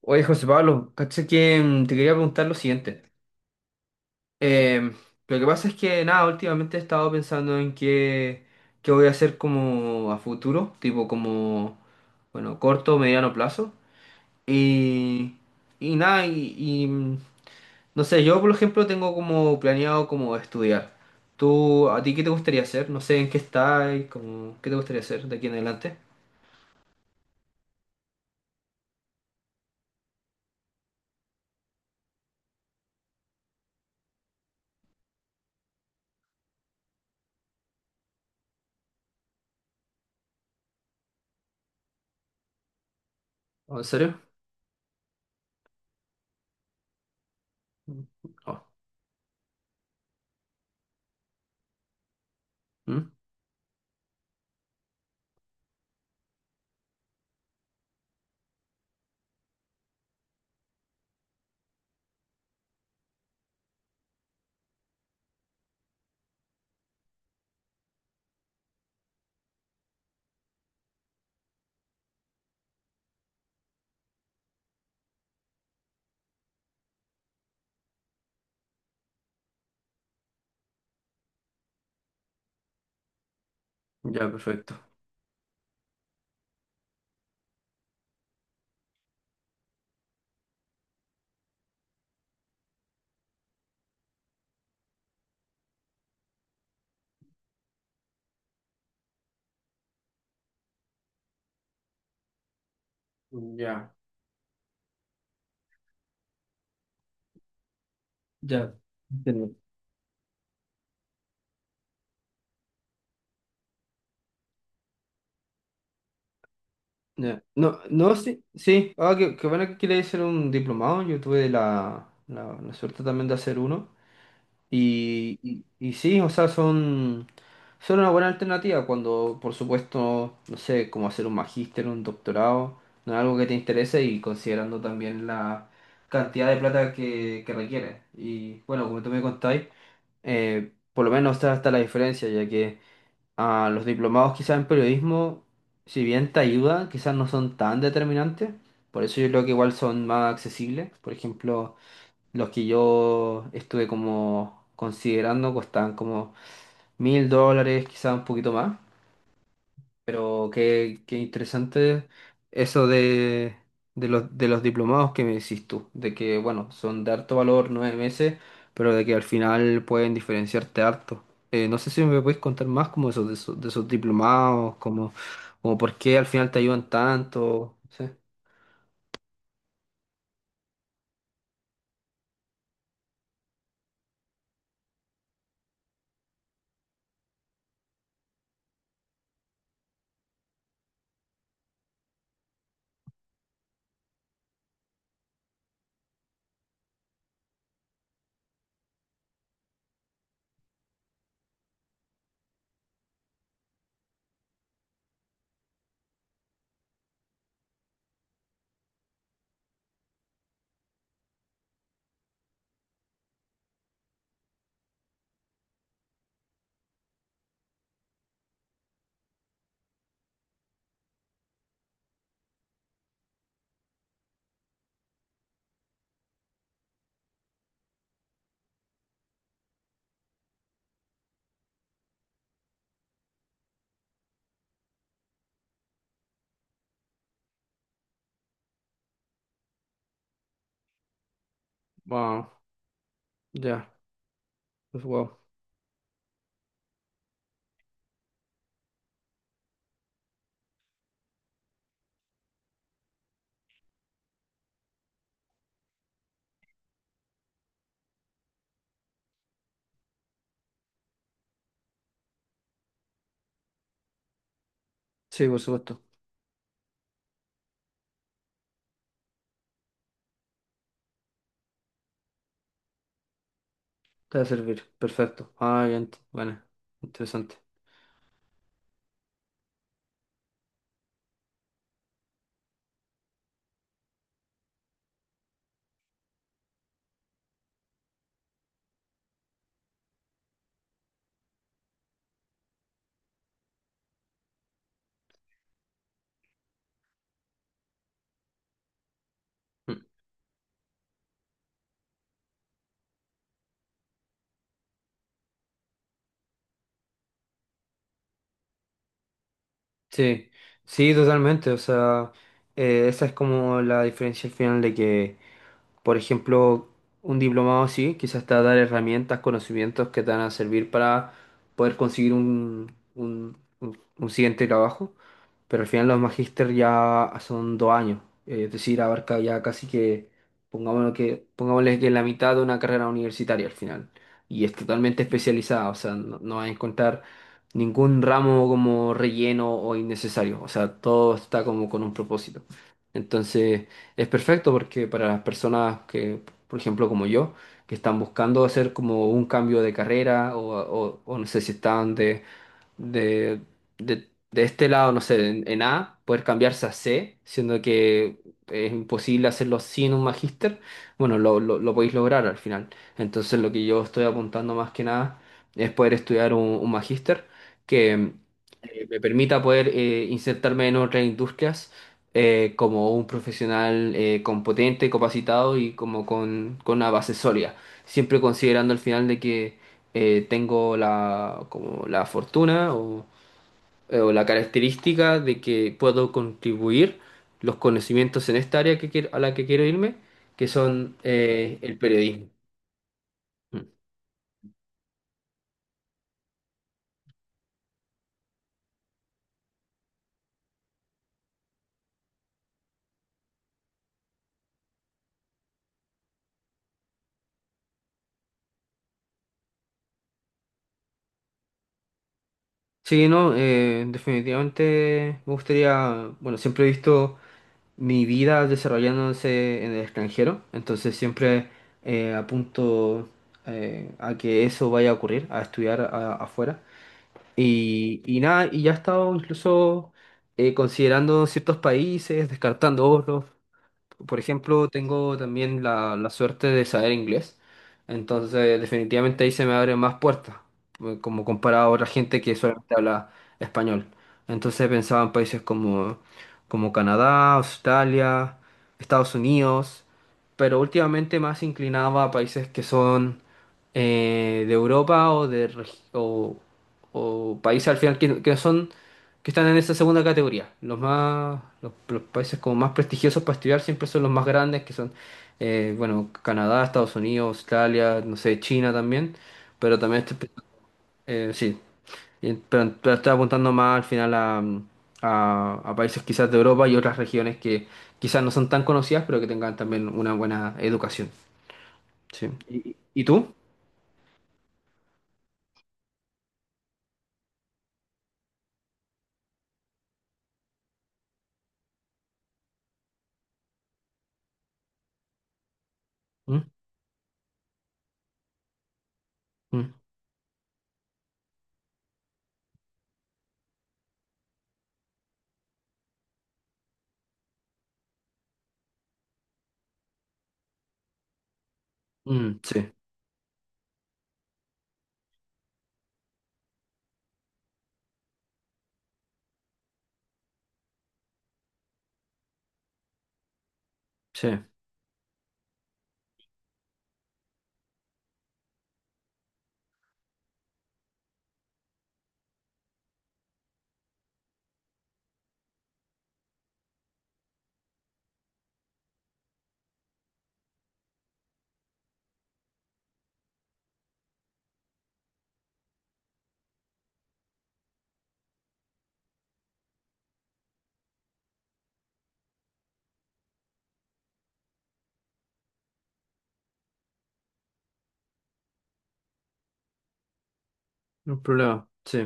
Oye, José Pablo, caché que te quería preguntar lo siguiente. Eh, lo que pasa es que, nada, últimamente he estado pensando en qué voy a hacer como a futuro, tipo como, bueno, corto, mediano plazo. Y, y nada, no sé, yo por ejemplo tengo como planeado como estudiar. ¿Tú, a ti qué te gustaría hacer? No sé en qué estás, como, ¿qué te gustaría hacer de aquí en adelante? ¿O ¿En serio? Oh, ¿mm? Ya, perfecto. Ya. Ya, entiendo. Ya. No, no, sí, sí. Ah, qué bueno que quería hacer un diplomado. Yo tuve la suerte también de hacer uno. Y sí, o sea, son una buena alternativa cuando, por supuesto, no sé, como hacer un magíster, un doctorado, no es algo que te interese, y considerando también la cantidad de plata que requiere. Y bueno, como tú me contáis, por lo menos está la diferencia, ya que, ah, los diplomados quizás en periodismo, si bien te ayudan, quizás no son tan determinantes. Por eso yo creo que igual son más accesibles. Por ejemplo, los que yo estuve como considerando costaban como $1.000, quizás un poquito más. Pero qué interesante eso de, de los diplomados que me decís tú, de que, bueno, son de harto valor 9 meses, pero de que al final pueden diferenciarte harto. No sé si me puedes contar más como esos, de esos diplomados, como, como por qué al final te ayudan tanto. Sí. Wow, ya, pues, wow. Sí, por supuesto, te va a servir. Perfecto. Bueno, interesante. Sí, sí, totalmente. O sea, esa es como la diferencia al final de que, por ejemplo, un diplomado así quizás te va a dar herramientas, conocimientos que te van a servir para poder conseguir un siguiente trabajo, pero al final los magíster ya son 2 años, es decir, abarca ya casi que, pongámosle que la mitad de una carrera universitaria al final, y es totalmente especializada, o sea, no vas a encontrar ningún ramo como relleno o innecesario, o sea, todo está como con un propósito. Entonces es perfecto porque para las personas que, por ejemplo, como yo, que están buscando hacer como un cambio de carrera o no sé si están de, de este lado, no sé, en A, poder cambiarse a C, siendo que es imposible hacerlo sin un magíster, bueno, lo podéis lograr al final. Entonces, lo que yo estoy apuntando más que nada es poder estudiar un magíster que me permita poder, insertarme en otras industrias, como un profesional competente, capacitado y como con una base sólida, siempre considerando al final de que, tengo la, como la fortuna o la característica de que puedo contribuir los conocimientos en esta área que a la que quiero irme, que son, el periodismo. Mm. Sí, no, definitivamente me gustaría, bueno, siempre he visto mi vida desarrollándose en el extranjero, entonces siempre apunto, a que eso vaya a ocurrir, a estudiar afuera. Y nada, y ya he estado incluso, considerando ciertos países, descartando otros. Por ejemplo, tengo también la suerte de saber inglés, entonces definitivamente ahí se me abren más puertas, como comparado a otra gente que solamente habla español. Entonces pensaba en países como, como Canadá, Australia, Estados Unidos, pero últimamente más inclinaba a países que son, de Europa o o países al final que no son, que están en esa segunda categoría. Los países como más prestigiosos para estudiar siempre son los más grandes, que son, bueno, Canadá, Estados Unidos, Australia, no sé, China también, pero también sí. Pero estoy apuntando más al final a países quizás de Europa y otras regiones que quizás no son tan conocidas, pero que tengan también una buena educación. Sí. ¿Y, tú? ¿Mm? Mm, mm, sí, sí, no hay problema, sí,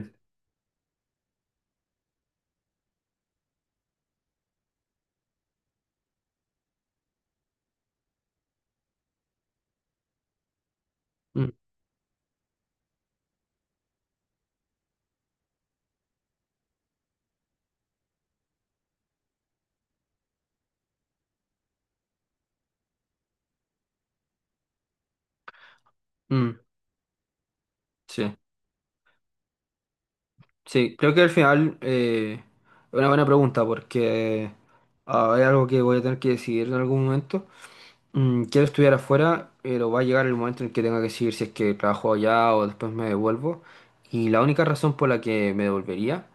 mm, mm, sí. Sí, creo que al final, es una buena pregunta porque, ah, es algo que voy a tener que decidir en algún momento. Mm, quiero estudiar afuera, pero va a llegar el momento en el que tenga que decidir si es que trabajo allá o después me devuelvo. Y la única razón por la que me devolvería,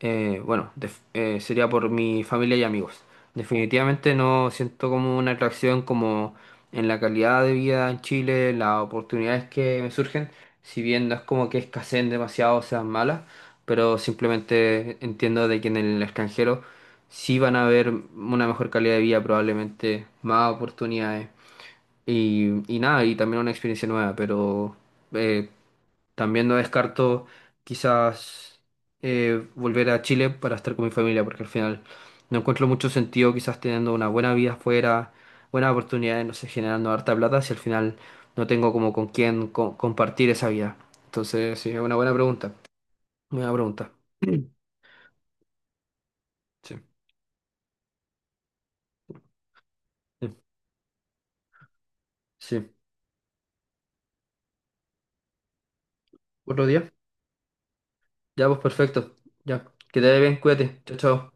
bueno, sería por mi familia y amigos. Definitivamente no siento como una atracción como en la calidad de vida en Chile, las oportunidades que me surgen, si bien no es como que escaseen demasiado o sean malas, pero simplemente entiendo de que en el extranjero sí van a haber una mejor calidad de vida, probablemente más oportunidades y nada, y también una experiencia nueva, pero, eh, también no descarto quizás, volver a Chile para estar con mi familia, porque al final no encuentro mucho sentido quizás teniendo una buena vida afuera, buenas oportunidades, no sé, generando harta plata, si al final no tengo como con quién compartir esa vida. Entonces, sí, es una buena pregunta, buena pregunta. Sí, sí. Sí. Otro día. Ya, pues perfecto. Ya, que te vaya bien, cuídate. Chao, chao.